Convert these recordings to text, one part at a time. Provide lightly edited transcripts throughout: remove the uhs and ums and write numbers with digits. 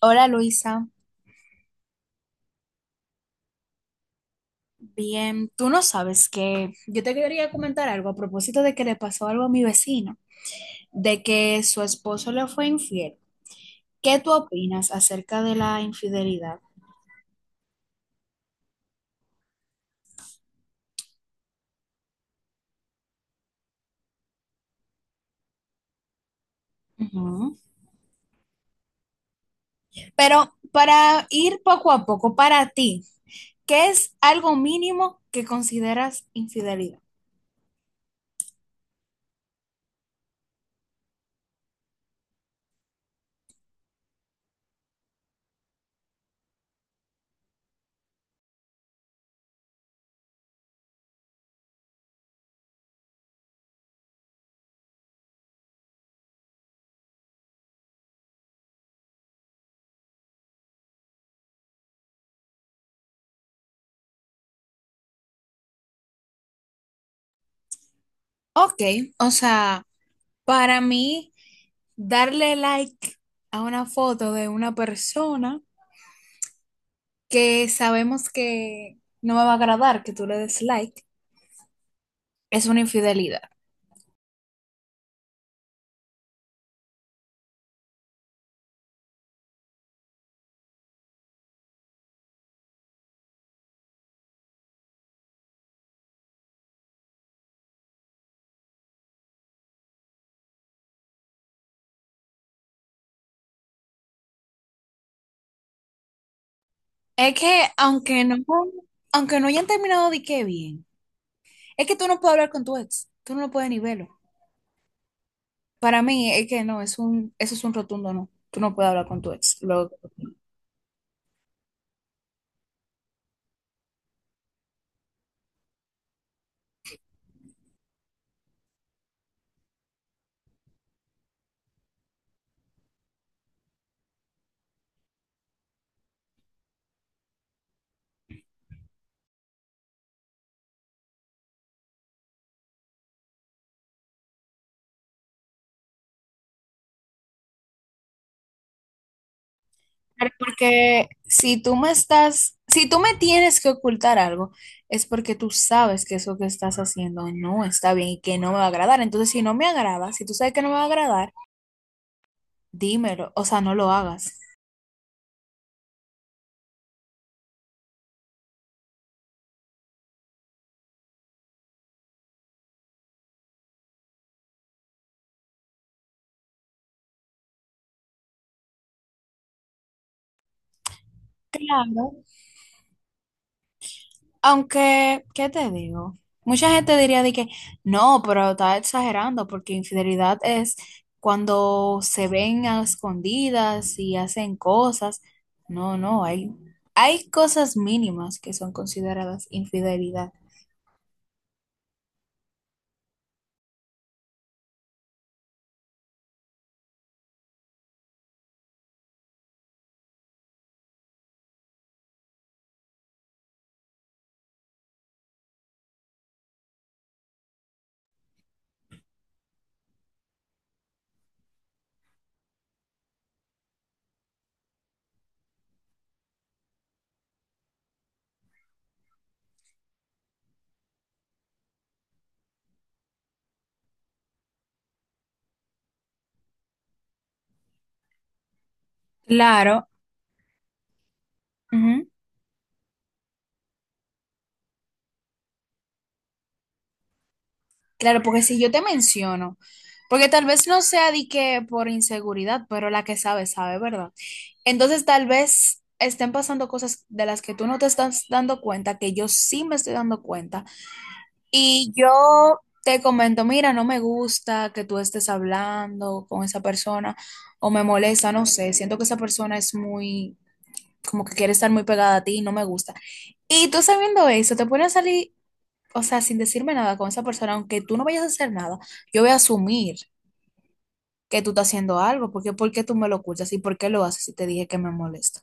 Hola Luisa, bien. Tú no sabes, que yo te quería comentar algo a propósito de que le pasó algo a mi vecino, de que su esposo le fue infiel. ¿Qué tú opinas acerca de la infidelidad? Ujú. Pero para ir poco a poco, para ti, ¿qué es algo mínimo que consideras infidelidad? Ok, o sea, para mí, darle like a una foto de una persona, que sabemos que no me va a agradar que tú le des like, es una infidelidad. Es que aunque no hayan terminado de qué bien, es que tú no puedes hablar con tu ex, tú no lo puedes ni verlo. Para mí es que no, eso es un rotundo no. Tú no puedes hablar con tu ex. Pero porque si tú me tienes que ocultar algo, es porque tú sabes que eso que estás haciendo no está bien y que no me va a agradar. Entonces, si no me agrada, si tú sabes que no me va a agradar, dímelo, o sea, no lo hagas. Claro, aunque, ¿qué te digo? Mucha gente diría de que no, pero está exagerando porque infidelidad es cuando se ven a escondidas y hacen cosas. No, no, hay cosas mínimas que son consideradas infidelidad. Claro. Claro, porque si yo te menciono, porque tal vez no sea de que por inseguridad, pero la que sabe, sabe, ¿verdad? Entonces tal vez estén pasando cosas de las que tú no te estás dando cuenta, que yo sí me estoy dando cuenta. Y yo te comento, mira, no me gusta que tú estés hablando con esa persona o me molesta, no sé, siento que esa persona es muy, como que quiere estar muy pegada a ti y no me gusta. Y tú sabiendo eso, te pones a salir, o sea, sin decirme nada con esa persona, aunque tú no vayas a hacer nada, yo voy a asumir que tú estás haciendo algo, porque ¿por qué tú me lo ocultas y por qué lo haces si te dije que me molesta?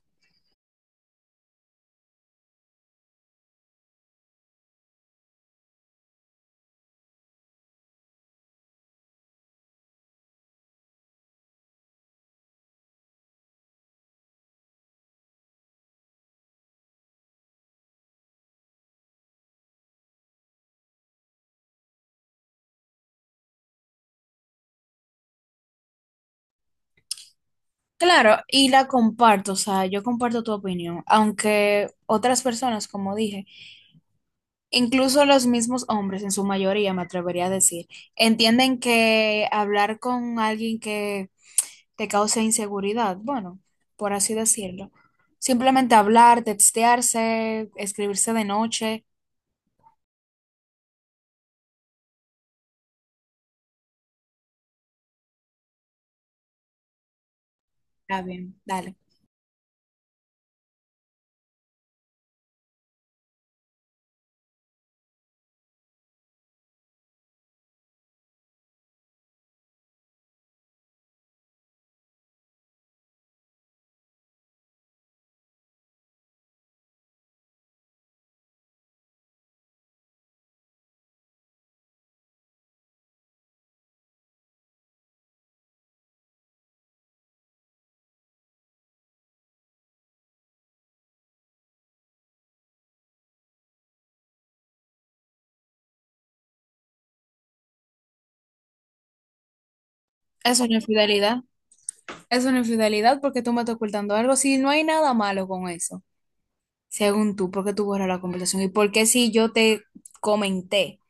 Claro, y la comparto, o sea, yo comparto tu opinión, aunque otras personas, como dije, incluso los mismos hombres, en su mayoría, me atrevería a decir, entienden que hablar con alguien que te cause inseguridad, bueno, por así decirlo, simplemente hablar, textearse, escribirse de noche, está bien, dale. Es una infidelidad. Es una infidelidad porque tú me estás ocultando algo. Si no hay nada malo con eso, según tú, ¿por qué tú borras la conversación? ¿Y por qué si yo te comenté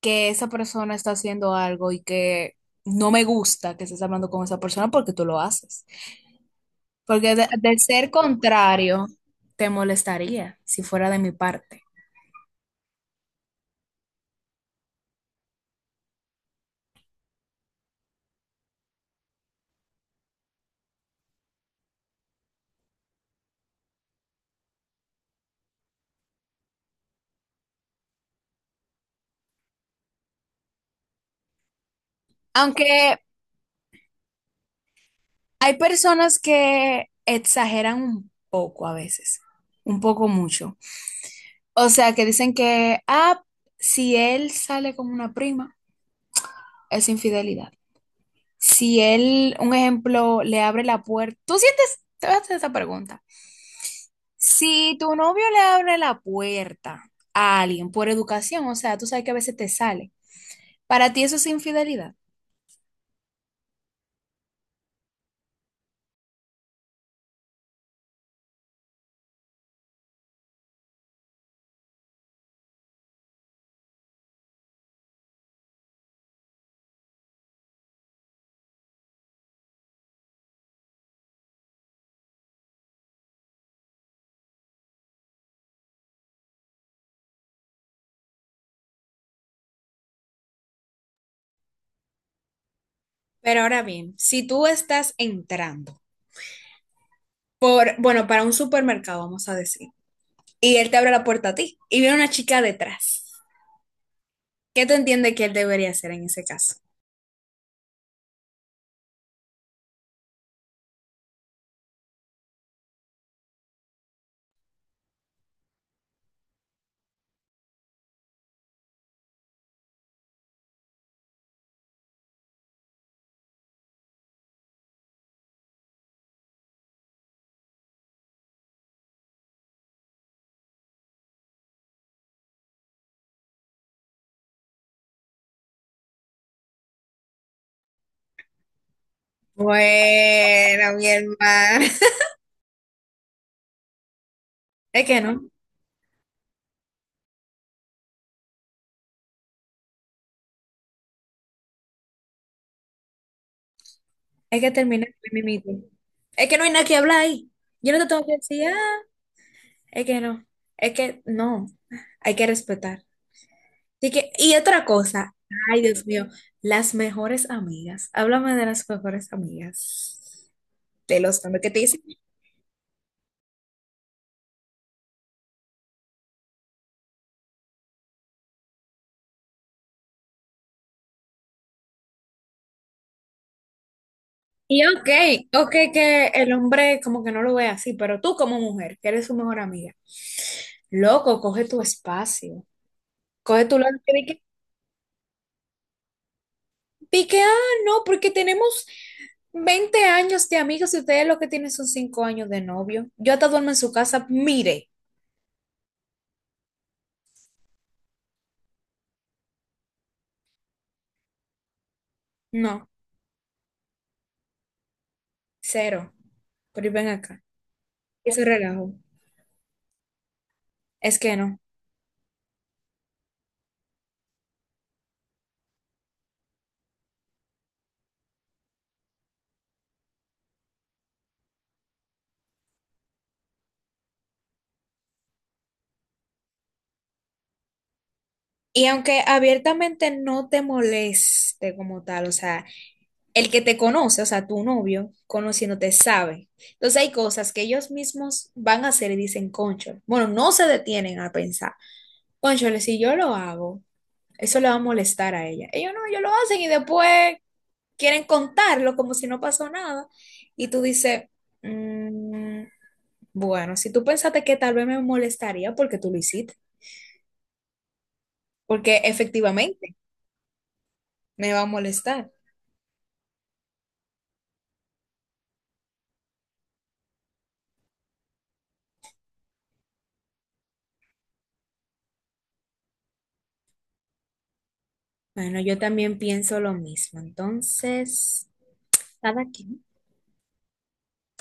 que esa persona está haciendo algo y que no me gusta que estés hablando con esa persona porque tú lo haces? Porque de ser contrario, te molestaría si fuera de mi parte. Aunque hay personas que exageran un poco a veces, un poco mucho. O sea, que dicen que, ah, si él sale con una prima, es infidelidad. Si él, un ejemplo, le abre la puerta, tú sientes, te voy a hacer esa pregunta. Si tu novio le abre la puerta a alguien por educación, o sea, tú sabes que a veces te sale, para ti eso es infidelidad. Pero ahora bien, si tú estás entrando por, bueno, para un supermercado, vamos a decir. Y él te abre la puerta a ti y viene una chica detrás. ¿Qué te entiende que él debería hacer en ese caso? Bueno, mi hermano. Es que no, es que termina con el mimito. Es que no hay nada que hablar ahí. Yo no te tengo que decir, ah, es que no, es que no, hay que respetar. Así que, y otra cosa, ay Dios mío, las mejores amigas. Háblame de las mejores amigas. De los hombres que te dicen, y ok, ok que el hombre como que no lo ve así, pero tú como mujer, que eres su mejor amiga, loco, coge tu espacio, coge tu lado, que di que, di que, ah, no, porque tenemos 20 años de amigos y ustedes lo que tienen son 5 años de novio. Yo hasta duermo en su casa, mire, no, cero, pero ven acá, ese relajo, es que no. Y aunque abiertamente no te moleste como tal, o sea, el que te conoce, o sea, tu novio, conociéndote sabe. Entonces hay cosas que ellos mismos van a hacer y dicen, concho, bueno, no se detienen a pensar, concho, si yo lo hago, eso le va a molestar a ella. Ellos no, ellos lo hacen y después quieren contarlo como si no pasó nada. Y tú dices, "Mm, bueno, si tú pensaste que tal vez me molestaría porque tú lo hiciste, porque efectivamente me va a molestar". Bueno, yo también pienso lo mismo. Entonces, cada quien.